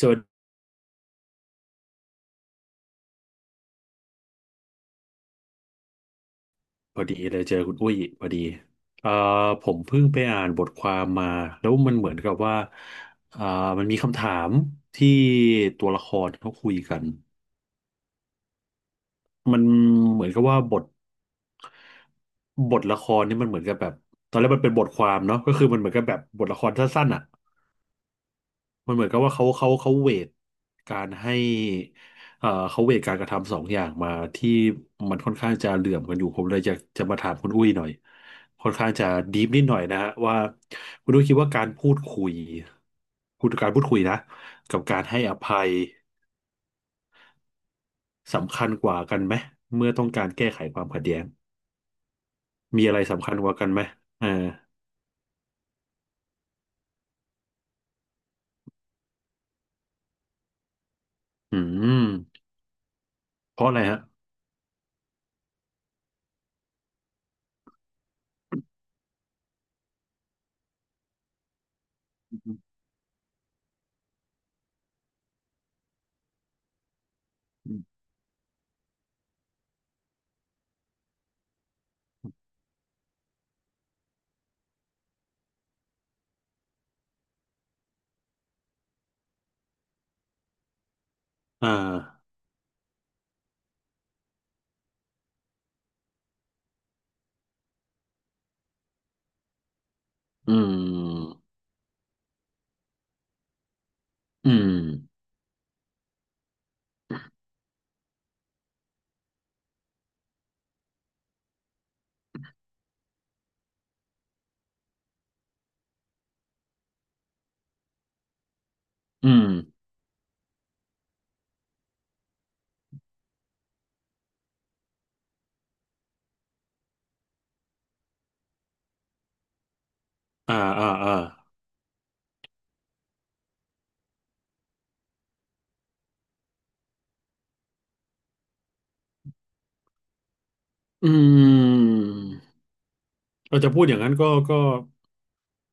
สวัสดีพอดีเลยเจอคุณอุ้ยพอดีเอ่อผมเพิ่งไปอ่านบทความมาแล้วมันเหมือนกับว่าเอ่อมันมีคำถามที่ตัวละครเขาคุยกันมันเหมือนกับว่าบทละครนี่มันเหมือนกับแบบตอนแรกมันเป็นบทความเนาะก็คือมันเหมือนกับแบบบทละครสั้นๆอ่ะ มันเหมือนกับว่าเขาเวทการให้เขาเวทการกระทำสองอย่างมาที่มันค่อนข้างจะเหลื่อมกันอยู่ผมเลยอยากจะมาถามคุณอุ้ยหน่อยค่อนข้างจะดีฟนิดหน่อยนะฮะว่าคุณอุ้ยคิดว่าการพูดคุยการพูดคุยนะกับการให้อภัยสำคัญกว่ากันไหมเมื่อต้องการแก้ไขความขัดแย้งมีอะไรสำคัญกว่ากันไหมอ่าอืมเพราะอะไรฮะอ่าอืมอืมอืมอ่าอ่าอ่า อืมเราจะพูดอย่างนั้นก็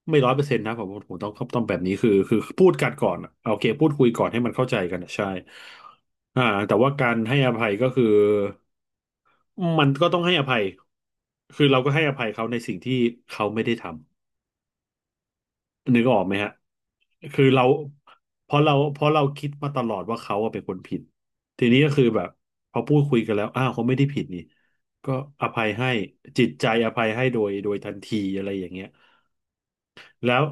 ไม่ร้อยเปอร์เซ็นต์นะผมต้องแบบนี้คือพูดกันก่อนอะโอเคพูดคุยก่อนให้มันเข้าใจกันอะใช่อ่าแต่ว่าการให้อภัยก็คือมันก็ต้องให้อภัยคือเราก็ให้อภัยเขาในสิ่งที่เขาไม่ได้ทำ นึกออกไหมฮะคือเราเพราะเราคิดมาตลอดว่าเขาอะเป็นคนผิด ทีนี้ก็คือแบบพอพูดคุยกันแล้วอ้าวเขาไม่ได้ผิดนี่ ก็อภัยให้จิตใจอภัยให้โดยทันทีอะไรอย่างเงี้ยแล้ว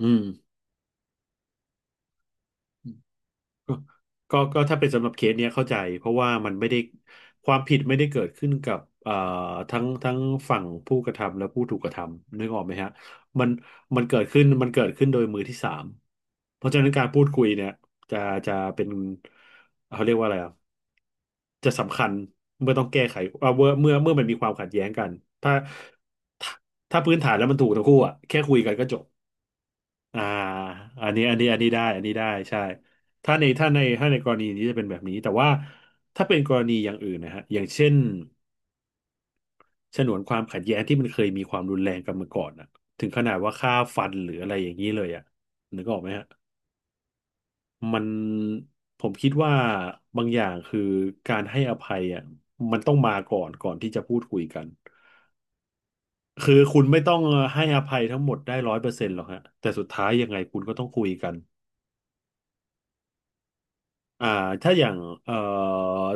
อืม ก็ก็ถ้าเป็นสำหรับเคสเนี้ยเข้าใจเพราะว่ามันไม่ได้ความผิดไม่ได้เกิดขึ้นกับทั้งฝั่งผู้กระทำและผู้ถูกกระทำนึกออกไหมฮะมันมันเกิดขึ้นมันเกิดขึ้นโดยมือที่สามเพราะฉะนั้นการพูดคุยเนี่ยจะจะเป็นเขาเรียกว่าอะไรอ่ะจะสำคัญเมื่อต้องแก้ไขเมื่อมันมีความขัดแย้งกันถ้าถ้าถ้าพื้นฐานแล้วมันถูกทั้งคู่อ่ะแค่คุยกันก็จบ อ่าอันนี้ได้อันนี้ได้ใช่ถ้าในกรณีนี้จะเป็นแบบนี้แต่ว่าถ้าเป็นกรณีอย่างอื่นนะฮะอย่างเช่นฉนวนความขัดแย้งที่มันเคยมีความรุนแรงกันมาก่อนอะถึงขนาดว่าฆ่าฟันหรืออะไรอย่างนี้เลยอะนึกออกไหมฮะมันผมคิดว่าบางอย่างคือการให้อภัยอ่ะมันต้องมาก่อนก่อนที่จะพูดคุยกันคือคุณไม่ต้องให้อภัยทั้งหมดได้ร้อยเปอร์เซ็นต์หรอกฮะแต่สุดท้ายยังไงคุณก็ต้องคุยกัน อ่าถ้าอย่างเอ่อ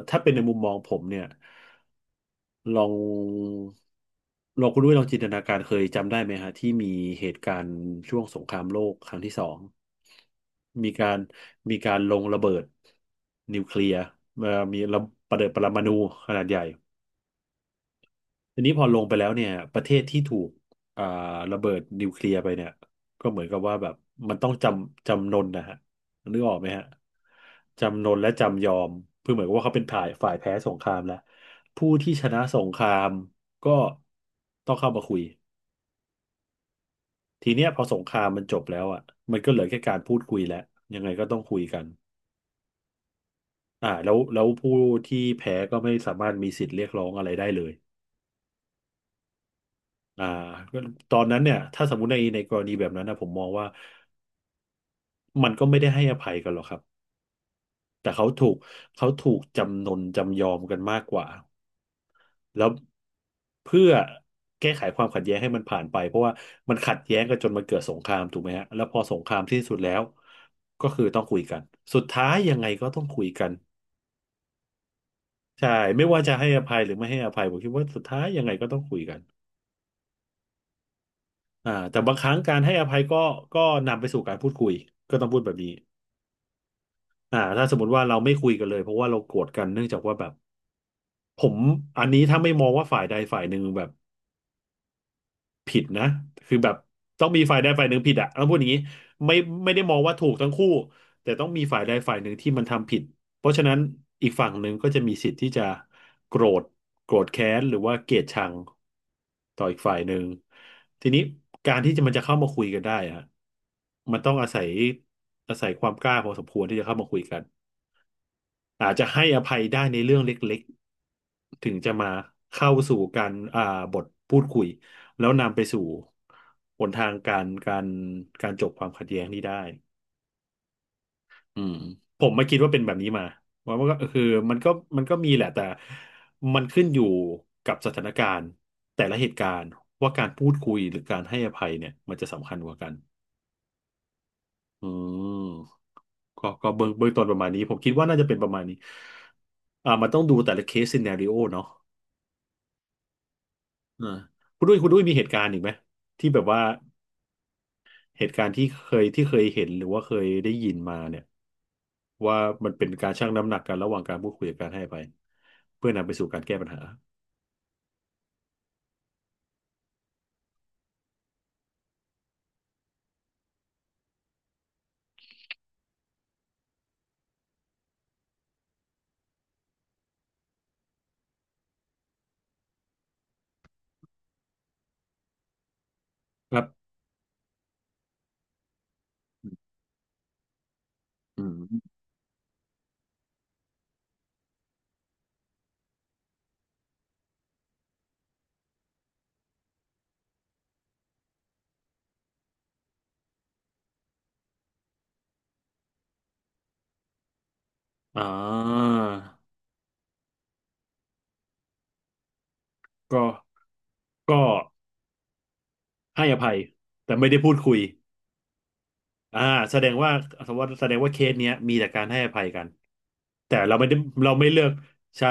ถ้าเป็นในมุมมองผมเนี่ยลองลองคุณด้วยลองจินตนาการเคยจำได้ไหมฮะที่มีเหตุการณ์ช่วงสงครามโลกครั้งที่สองมีการมีการลงระเบิดนิวเคลียร์เอ่อมีระเบิดปรมาณูขนาดใหญ่ ทีนี้พอลงไปแล้วเนี่ยประเทศที่ถูกอ่าระเบิดนิวเคลียร์ไปเนี่ยก็เหมือนกับว่าแบบมันต้องจำจำนนนะฮะนึกออกไหมฮะจำนนและจำยอมเพื่อเหมือนกับว่าเขาเป็นฝ่ายแพ้สงครามแล้วผู้ที่ชนะสงครามก็ต้องเข้ามาคุยทีเนี้ยพอสงครามมันจบแล้วอ่ะมันก็เหลือแค่การพูดคุยแล้วยังไงก็ต้องคุยกันอ่าแล้วผู้ที่แพ้ก็ไม่สามารถมีสิทธิ์เรียกร้องอะไรได้เลย อ่าก็ตอนนั้นเนี่ยถ้าสมมติในกรณีแบบนั้นนะผมมองว่ามันก็ไม่ได้ให้อภัยกันหรอกครับแต่เขาถูกจำนนจำยอมกันมากกว่าแล้วเพื่อแก้ไขความขัดแย้งให้มันผ่านไปเพราะว่ามันขัดแย้งกันจนมันเกิดสงครามถูกไหมฮะแล้วพอสงครามที่สุดแล้วก็คือต้องคุยกันสุดท้ายยังไงก็ต้องคุยกันใช่ไม่ว่าจะให้อภัยหรือไม่ให้อภัยผมคิดว่าสุดท้ายยังไงก็ต้องคุยกันอ่าแต่บางครั้งการให้อภัยก็ก็นำไปสู่การพูดคุยก็ต้องพูดแบบนี้ ถ้าสมมติว่าเราไม่คุยกันเลยเพราะว่าเราโกรธกันเนื่องจากว่าแบบผมอันนี้ถ้าไม่มองว่าฝ่ายใดฝ่ายหนึ่งแบบผิดนะคือแบบต้องมีฝ่ายใดฝ่ายหนึ่งผิดอะต้องพูดอย่างนี้ไม่ไม่ได้มองว่าถูกทั้งคู่แต่ต้องมีฝ่ายใดฝ่ายหนึ่งที่มันทำผิดเพราะฉะนั้นอีกฝั่งหนึ่งก็จะมีสิทธิ์ที่จะโกรธโกรธแค้นหรือว่าเกลียดชังต่ออีกฝ่ายหนึ่งทีนี้การที่จะมันจะเข้ามาคุยกันได้อะมันต้องอาศัยความกล้าพอสมควรที่จะเข้ามาคุยกัน อาจจะให้อภัยได้ในเรื่องเล็กๆ ถึงจะมาเข้าสู่การบทพูดคุยแล้วนำไปสู่หนทางการการจบความขัดแย้งนี้ได้อืมผมมาคิดว่าเป็นแบบนี้มาว่ามันก็คือมันก็มันก็มีแหละแต่มันขึ้นอยู่กับสถานการณ์แต่ละเหตุการณ์ว่าการพูดคุยหรือการให้อภัยเนี่ยมันจะสำคัญกว่ากัน อืมก็เบื้องต้นประมาณนี้ผมคิดว่าน่าจะเป็นประมาณนี้อ่ามันต้องดูแต่ละเคสซีนาริโอเนาะอ่าคุณด้วยมีเหตุการณ์อีกไหมที่แบบว่าเหตุการณ์ที่เคยเห็นหรือว่าเคยได้ยินมาเนี่ยว่ามันเป็นการชั่งน้ำหนักกันระหว่างการพูดคุยกับการให้อภัยเพื่อนำไปสู่การแก้ปัญหาครับอืมอ่าก็ก็ให้อภัยแต่ไม่ได้พูดคุยอ่าแสดงว่าแสดงว่าเคสเนี้ยมีแต่การให้อภัยกัน แต่เราไม่ได้เราไม่เลือกใช่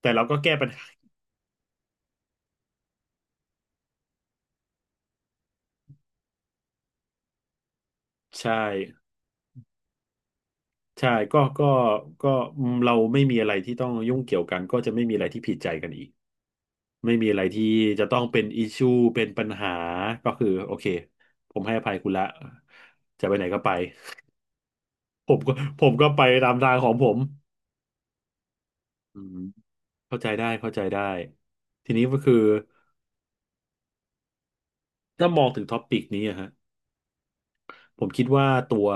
แต่เราก็แก้ปัญหาใช่ใช่ก็อืมเราไม่มีอะไรที่ต้องยุ่งเกี่ยวกันก็จะไม่มีอะไรที่ผิดใจกันอีกไม่มีอะไรที่จะต้องเป็นอิชูเป็นปัญหาก็คือโอเคผมให้อภัยคุณละจะไปไหนก็ไป ผมก็ผมก็ไปตามทางของผมอืมเข้าใจได้เข้าใจได้ทีนี้ก็คือถ้ามองถึงท็อปิกนี้อะฮะ ผมคิดว่า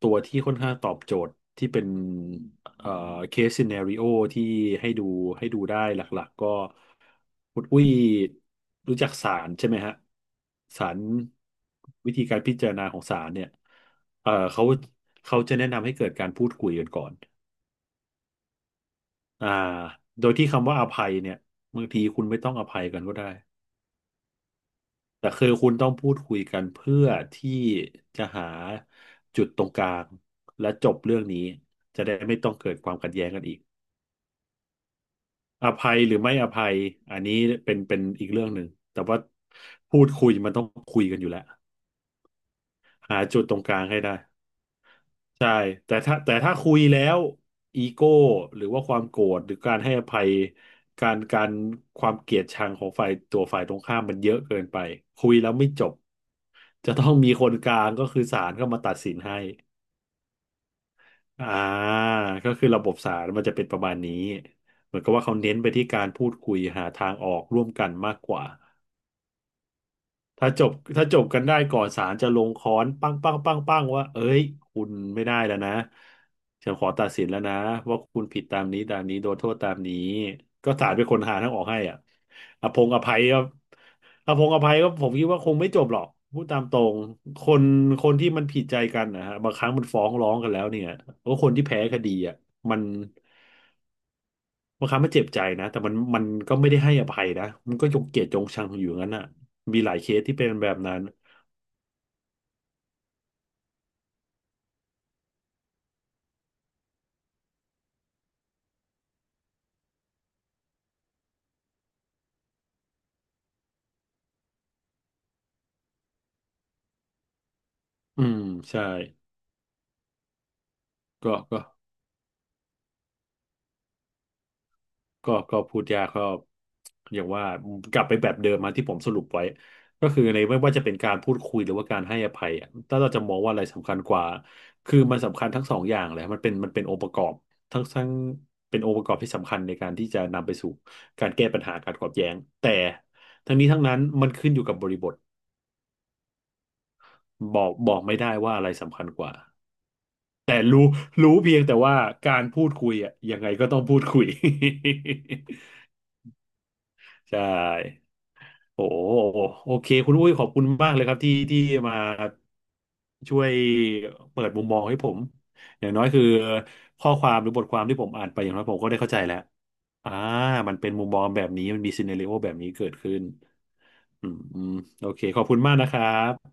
ตัวที่ค่อนข้างตอบโจทย์ที่เป็นเอ่อเคสซีเนริโอที่ให้ดูได้หลักๆก็คุณอุ้ยรู้จักศาลใช่ไหมฮะศาลวิธีการพิจารณาของศาลเนี่ยเอ่อเขาเขาจะแนะนำให้เกิดการพูดคุยกันก่อนอ่าโดยที่คำว่าอภัยเนี่ยบางทีคุณไม่ต้องอภัยกันก็ได้ แต่คือคุณต้องพูดคุยกันเพื่อที่จะหาจุดตรงกลางและจบเรื่องนี้จะได้ไม่ต้องเกิดความขัดแย้งกันอีกอภัยหรือไม่อภัยอันนี้เป็นอีกเรื่องหนึ่งแต่ว่าพูดคุยมันต้องคุยกันอยู่แล้วหาจุดตรงกลางให้ได้ใช่แต่ถ้าคุยแล้วอีโก้หรือว่าความโกรธหรือการให้อภัยการการความเกลียดชังของฝ่ายตรงข้ามมันเยอะเกินไปคุยแล้วไม่จบ จะต้องมีคนกลางก็คือศาลเข้ามาตัดสินให้ อ่าก็คือระบบศาลมันจะเป็นประมาณนี้ เหมือนกับว่าเขาเน้นไปที่การพูดคุยหาทางออกร่วมกันมากกว่า ถ้าจบกันได้ก่อนศาลจะลงค้อนปั้งปั้งปั้งปั้งว่าเอ้ยคุณไม่ได้แล้วนะฉันขอตัดสินแล้วนะว่าคุณผิดตามนี้ตามนี้โดนโทษตามนี้ก็ศาลเป็นคนหาทางออกให้อ่ะอภงอภัยก็อภงอภัยก็ผมคิดว่าคงไม่จบหรอกพูดตามตรงคนคนที่มันผิดใจกันนะฮะบางครั้งมันฟ้องร้องกันแล้วเนี่ยก็คนที่แพ้คดีอ่ะมันบางครั้งมันเจ็บใจนะแต่มันก็ไม่ได้ให้อภัยนะมันก็ยกเกียรติยงชังอยู่อย่างนั้นอ่ะมีหลายเคสที่เป็นแบบนั้น อืมใช่ก็ก็ก็ก็พูดยากก็อย่างว่ากลับไปแบบเดิมมาที่ผมสรุปไว้ก็คือในไม่ว่าจะเป็นการพูดคุยหรือว่าการให้อภัยอะถ้าเราจะมองว่าอะไรสำคัญกว่าคือมันสำคัญทั้งสองอย่างเลยมันเป็นองค์ประกอบทั้งทั้งเป็นองค์ประกอบที่สำคัญในการที่จะนำไปสู่การแก้ปัญหาการขัดแย้งแต่ทั้งนี้ทั้งนั้นมันขึ้นอยู่กับบริบทบอกไม่ได้ว่าอะไรสำคัญกว่ารู้เพียงแต่ว่าการพูดคุยอ่ะยังไงก็ต้องพูดคุย ใช่ โอ้โหโอเคคุณอุ้ยขอบคุณมากเลยครับที่มาช่วยเปิดมุมมองให้ผมอย่างน้อยคือข้อความหรือบทความที่ผมอ่านไปอย่างน้อยผมก็ได้เข้าใจแล้วอ่ามันเป็นมุมมองแบบนี้มันมีซีเน r ร o โอแบบนี้เกิดขึ้นอืมอืมโอเค ขอบคุณมากนะครับ